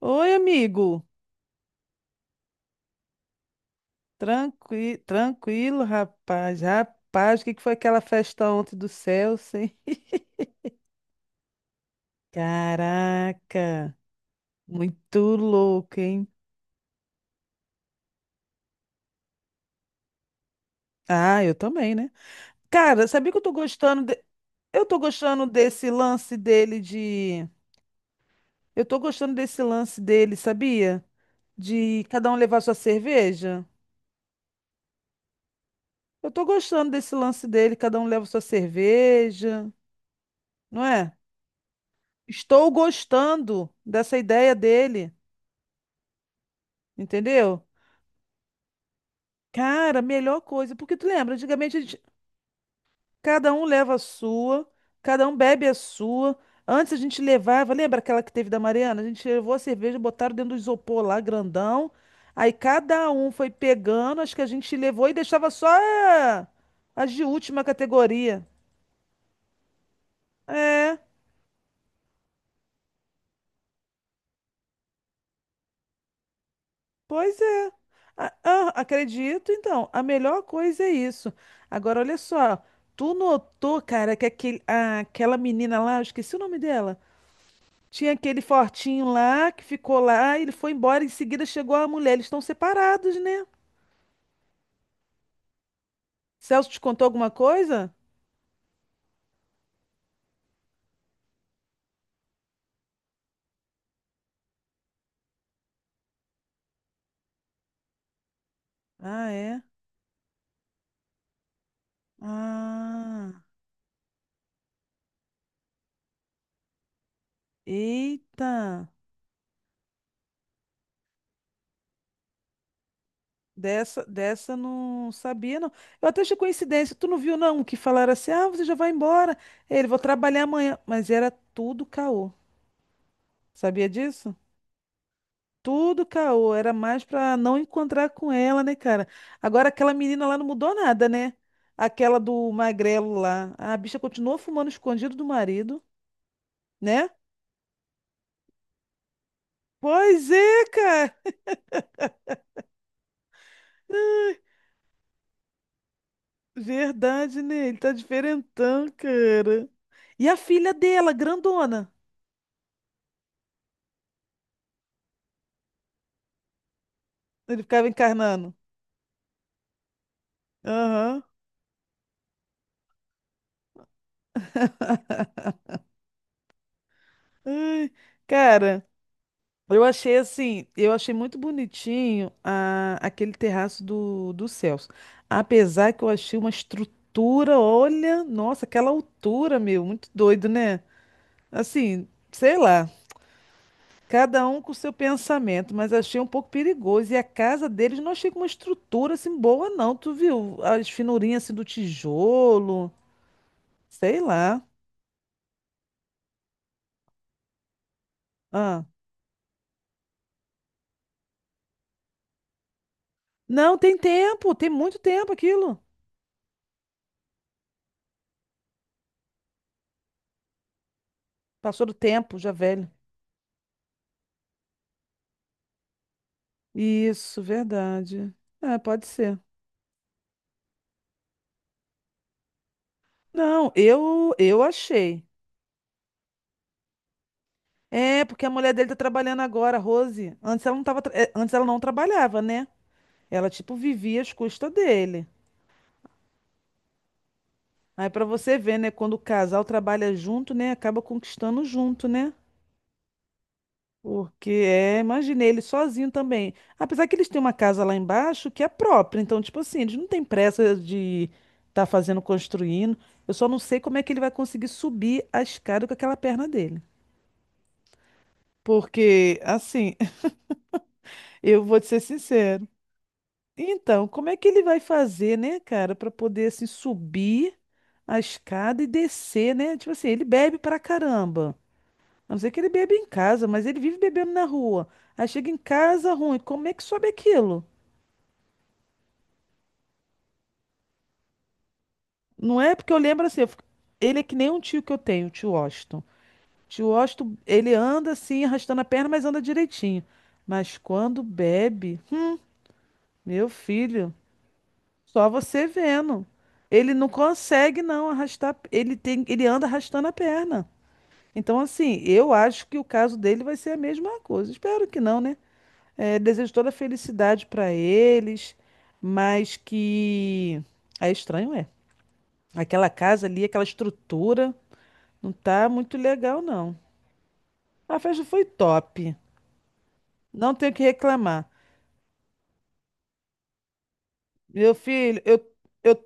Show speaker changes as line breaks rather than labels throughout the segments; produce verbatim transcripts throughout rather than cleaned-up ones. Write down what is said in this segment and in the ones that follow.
Oi, amigo. Tranqui... Tranquilo, rapaz. Rapaz, o que que foi aquela festa ontem do Celso, hein? Caraca, muito louco, hein? Ah, eu também, né? Cara, sabia que eu tô gostando de- eu tô gostando desse lance dele de eu tô gostando desse lance dele, sabia? De cada um levar sua cerveja. Eu tô gostando desse lance dele, cada um leva sua cerveja, não é? Estou gostando dessa ideia dele. Entendeu? Cara, melhor coisa. Porque tu lembra, antigamente a gente- cada um leva a sua, cada um bebe a sua. Antes a gente levava, lembra aquela que teve da Mariana? A gente levou a cerveja, botaram dentro do isopor lá, grandão. Aí cada um foi pegando, acho que a gente levou e deixava só a- as de última categoria. É, pois é. A- ah, acredito, então. A melhor coisa é isso. Agora, olha só. Tu notou, cara, que aquele, a- aquela menina lá, eu esqueci o nome dela. Tinha aquele fortinho lá que ficou lá, ele foi embora, em seguida chegou a mulher. Eles estão separados, né? Celso te contou alguma coisa? Ah, é? Ah, eita. Dessa, dessa não sabia, não. Eu até achei coincidência. Tu não viu, não? Que falaram assim: ah, você já vai embora. Ele, vou trabalhar amanhã. Mas era tudo caô. Sabia disso? Tudo caô, era mais pra não encontrar com ela, né, cara? Agora aquela menina lá não mudou nada, né? Aquela do magrelo lá. A bicha continuou fumando escondido do marido, né? Pois é, cara. Verdade, né? Ele tá diferentão, cara. E a filha dela, grandona. Ele ficava encarnando. Aham. Ai, cara. Eu achei assim, eu achei muito bonitinho a- aquele terraço do, do Celso. Apesar que eu achei uma estrutura, olha, nossa, aquela altura, meu, muito doido, né? Assim, sei lá, cada um com o seu pensamento, mas achei um pouco perigoso. E a casa deles não achei com uma estrutura assim boa, não. Tu viu? As finurinhas assim do tijolo, sei lá. Ah. Não, tem tempo, tem muito tempo aquilo. Passou do tempo, já velho. Isso, verdade. É, pode ser. Não, eu eu achei. É, porque a mulher dele tá trabalhando agora, a Rose. Antes ela não tava, tra- é, antes ela não trabalhava, né? Ela tipo vivia às custas dele. Aí pra você ver, né, quando o casal trabalha junto, né, acaba conquistando junto, né? Porque é, imaginei ele sozinho também. Apesar que eles têm uma casa lá embaixo que é própria, então tipo assim, eles não têm pressa de tá fazendo construindo. Eu só não sei como é que ele vai conseguir subir a escada com aquela perna dele. Porque, assim, eu vou te ser sincero. Então, como é que ele vai fazer, né, cara, para poder, assim, subir a escada e descer, né? Tipo assim, ele bebe pra caramba. A não ser que ele bebe em casa, mas ele vive bebendo na rua. Aí chega em casa ruim. Como é que sobe aquilo? Não é? Porque eu lembro assim, eu fico- ele é que nem um tio que eu tenho, o tio Washington. O tio Washington, ele anda assim, arrastando a perna, mas anda direitinho. Mas quando bebe, meu filho. Só você vendo. Ele não consegue não arrastar, ele tem, ele anda arrastando a perna. Então, assim, eu acho que o caso dele vai ser a mesma coisa. Espero que não, né? É, desejo toda a felicidade para eles, mas que é estranho, é. Aquela casa ali, aquela estrutura, não tá muito legal, não. A festa foi top. Não tenho o que reclamar. Meu filho, eu, eu,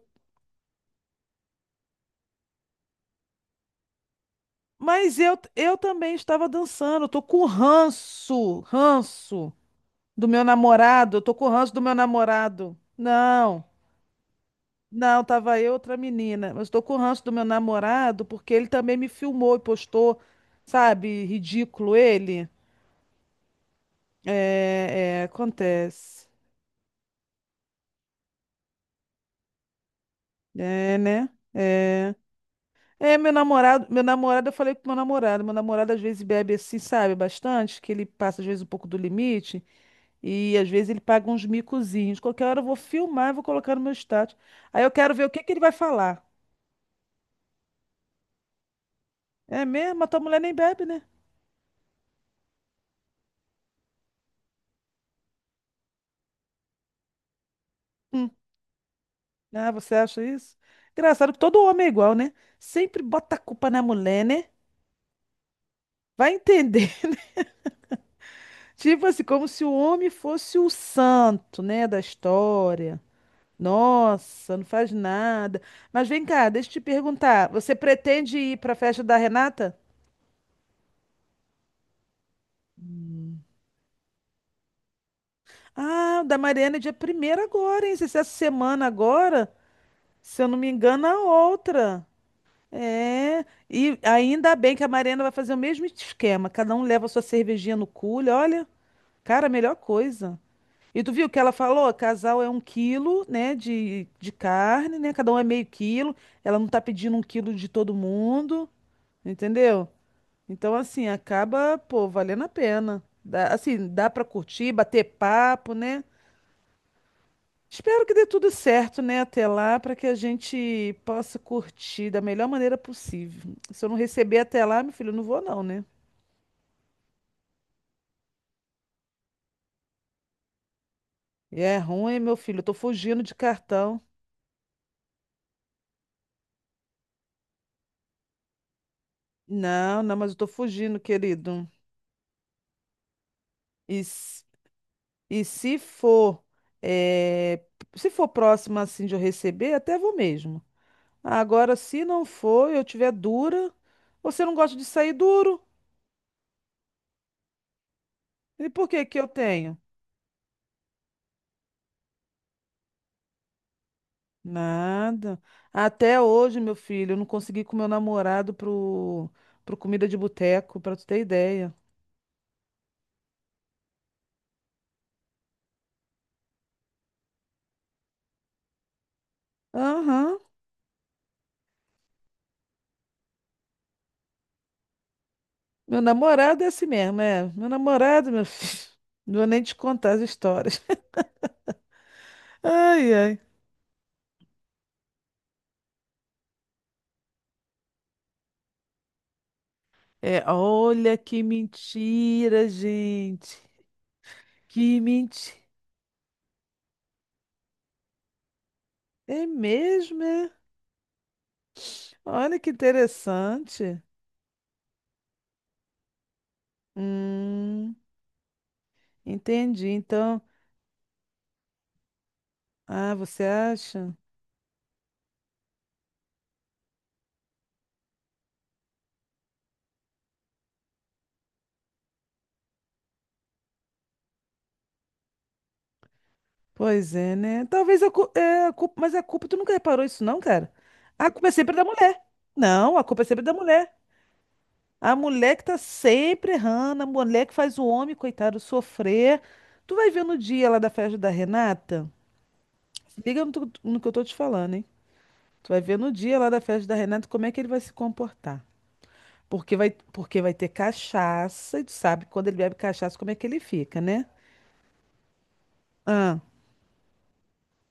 mas eu, eu também estava dançando. Eu tô com ranço, ranço. Do meu namorado, eu tô com ranço do meu namorado. Não, não, tava eu e outra menina. Mas eu tô com ranço do meu namorado porque ele também me filmou e postou, sabe? Ridículo ele. É, é, acontece. É, né? É. É, meu namorado, meu namorado, eu falei com meu namorado, meu namorado às vezes bebe assim, sabe, bastante, que ele passa às vezes um pouco do limite e às vezes ele paga uns micozinhos. Qualquer hora eu vou filmar, e vou colocar no meu status. Aí eu quero ver o que que ele vai falar. É mesmo? A tua mulher nem bebe, né? Hum. Ah, você acha isso? Engraçado que todo homem é igual, né? Sempre bota a culpa na mulher, né? Vai entender. Tipo assim, como se o homem fosse o santo, né, da história. Nossa, não faz nada. Mas vem cá, deixa eu te perguntar. Você pretende ir para a festa da Renata? Ah, o da Mariana é dia primeiro agora, hein? Se essa semana agora, se eu não me engano, a outra. É, e ainda bem que a Mariana vai fazer o mesmo esquema. Cada um leva a sua cervejinha no cooler. Olha, cara, a melhor coisa. E tu viu o que ela falou? Casal é um quilo, né, de, de carne, né? Cada um é meio quilo. Ela não tá pedindo um quilo de todo mundo, entendeu? Então, assim, acaba, pô, valendo a pena. Dá- assim, dá pra curtir, bater papo, né? Espero que dê tudo certo, né, até lá, para que a gente possa curtir da melhor maneira possível. Se eu não receber até lá, meu filho, eu não vou não, né? E é ruim, meu filho, eu tô fugindo de cartão. Não, não, mas eu tô fugindo, querido. E, s- e se for, eh, se for próximo assim de eu receber, até vou mesmo. Agora, se não for, eu tiver dura, você não gosta de sair duro? E por que que eu tenho? Nada. Até hoje, meu filho, eu não consegui ir com meu namorado pro, pro comida de boteco, pra tu ter ideia. Aham. Meu namorado é assim mesmo, é. Meu namorado, meu filho. Não vou nem te contar as histórias. Ai, ai. É, olha que mentira, gente. Que mentira. É mesmo, é? Olha que interessante. Hum, entendi. Então, ah, você acha? Pois é, né? Talvez a culpa, é, a culpa, mas a culpa, tu nunca reparou isso não, cara? A culpa é sempre da mulher. Não, a culpa é sempre da mulher. A mulher que tá sempre errando, a mulher que faz o homem, coitado, sofrer. Tu vai ver no dia lá da festa da Renata, se liga no, tu- no que eu tô te falando, hein? Tu vai ver no dia lá da festa da Renata como é que ele vai se comportar. Porque vai, porque vai ter cachaça, e tu sabe, quando ele bebe cachaça, como é que ele fica, né? Ah,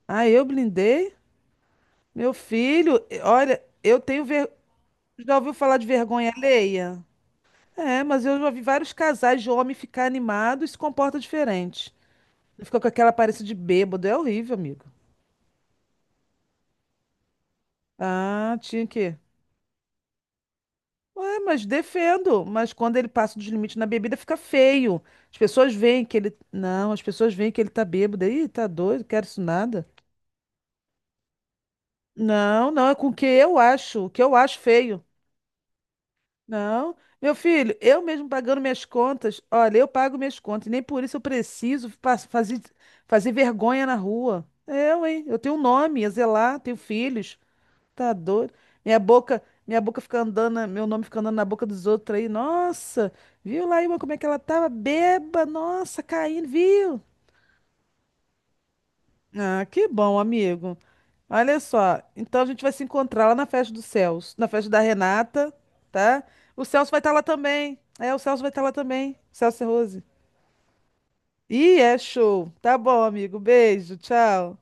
ah eu blindei. Meu filho, e- olha, eu tenho vergonha. Já ouviu falar de vergonha alheia? É, mas eu já vi vários casais de homem ficar animado e se comporta diferente. Ele fica com aquela aparência de bêbado, é horrível, amigo. Ah, tinha que. Ué, mas defendo. Mas quando ele passa dos limites na bebida, fica feio. As pessoas veem que ele. Não, as pessoas veem que ele tá bêbado. Ih, tá doido, quero isso nada. Não, não, é com o que eu acho. O que eu acho feio. Não, meu filho, eu mesmo pagando minhas contas, olha, eu pago minhas contas, e nem por isso eu preciso fa- fazer, fazer vergonha na rua. Eu, hein? Eu tenho um nome, a zelar, tenho filhos, tá doido? Minha boca, minha boca fica andando, na- meu nome fica andando na boca dos outros aí. Nossa, viu lá, Ilma, como é que ela tava? Beba, nossa, caindo, viu? Ah, que bom, amigo. Olha só, então a gente vai se encontrar lá na festa do Celso, na festa da Renata, tá? O Celso vai estar lá também. É, o Celso vai estar lá também. Celso e Rose. Ih, é show. Tá bom, amigo. Beijo, tchau.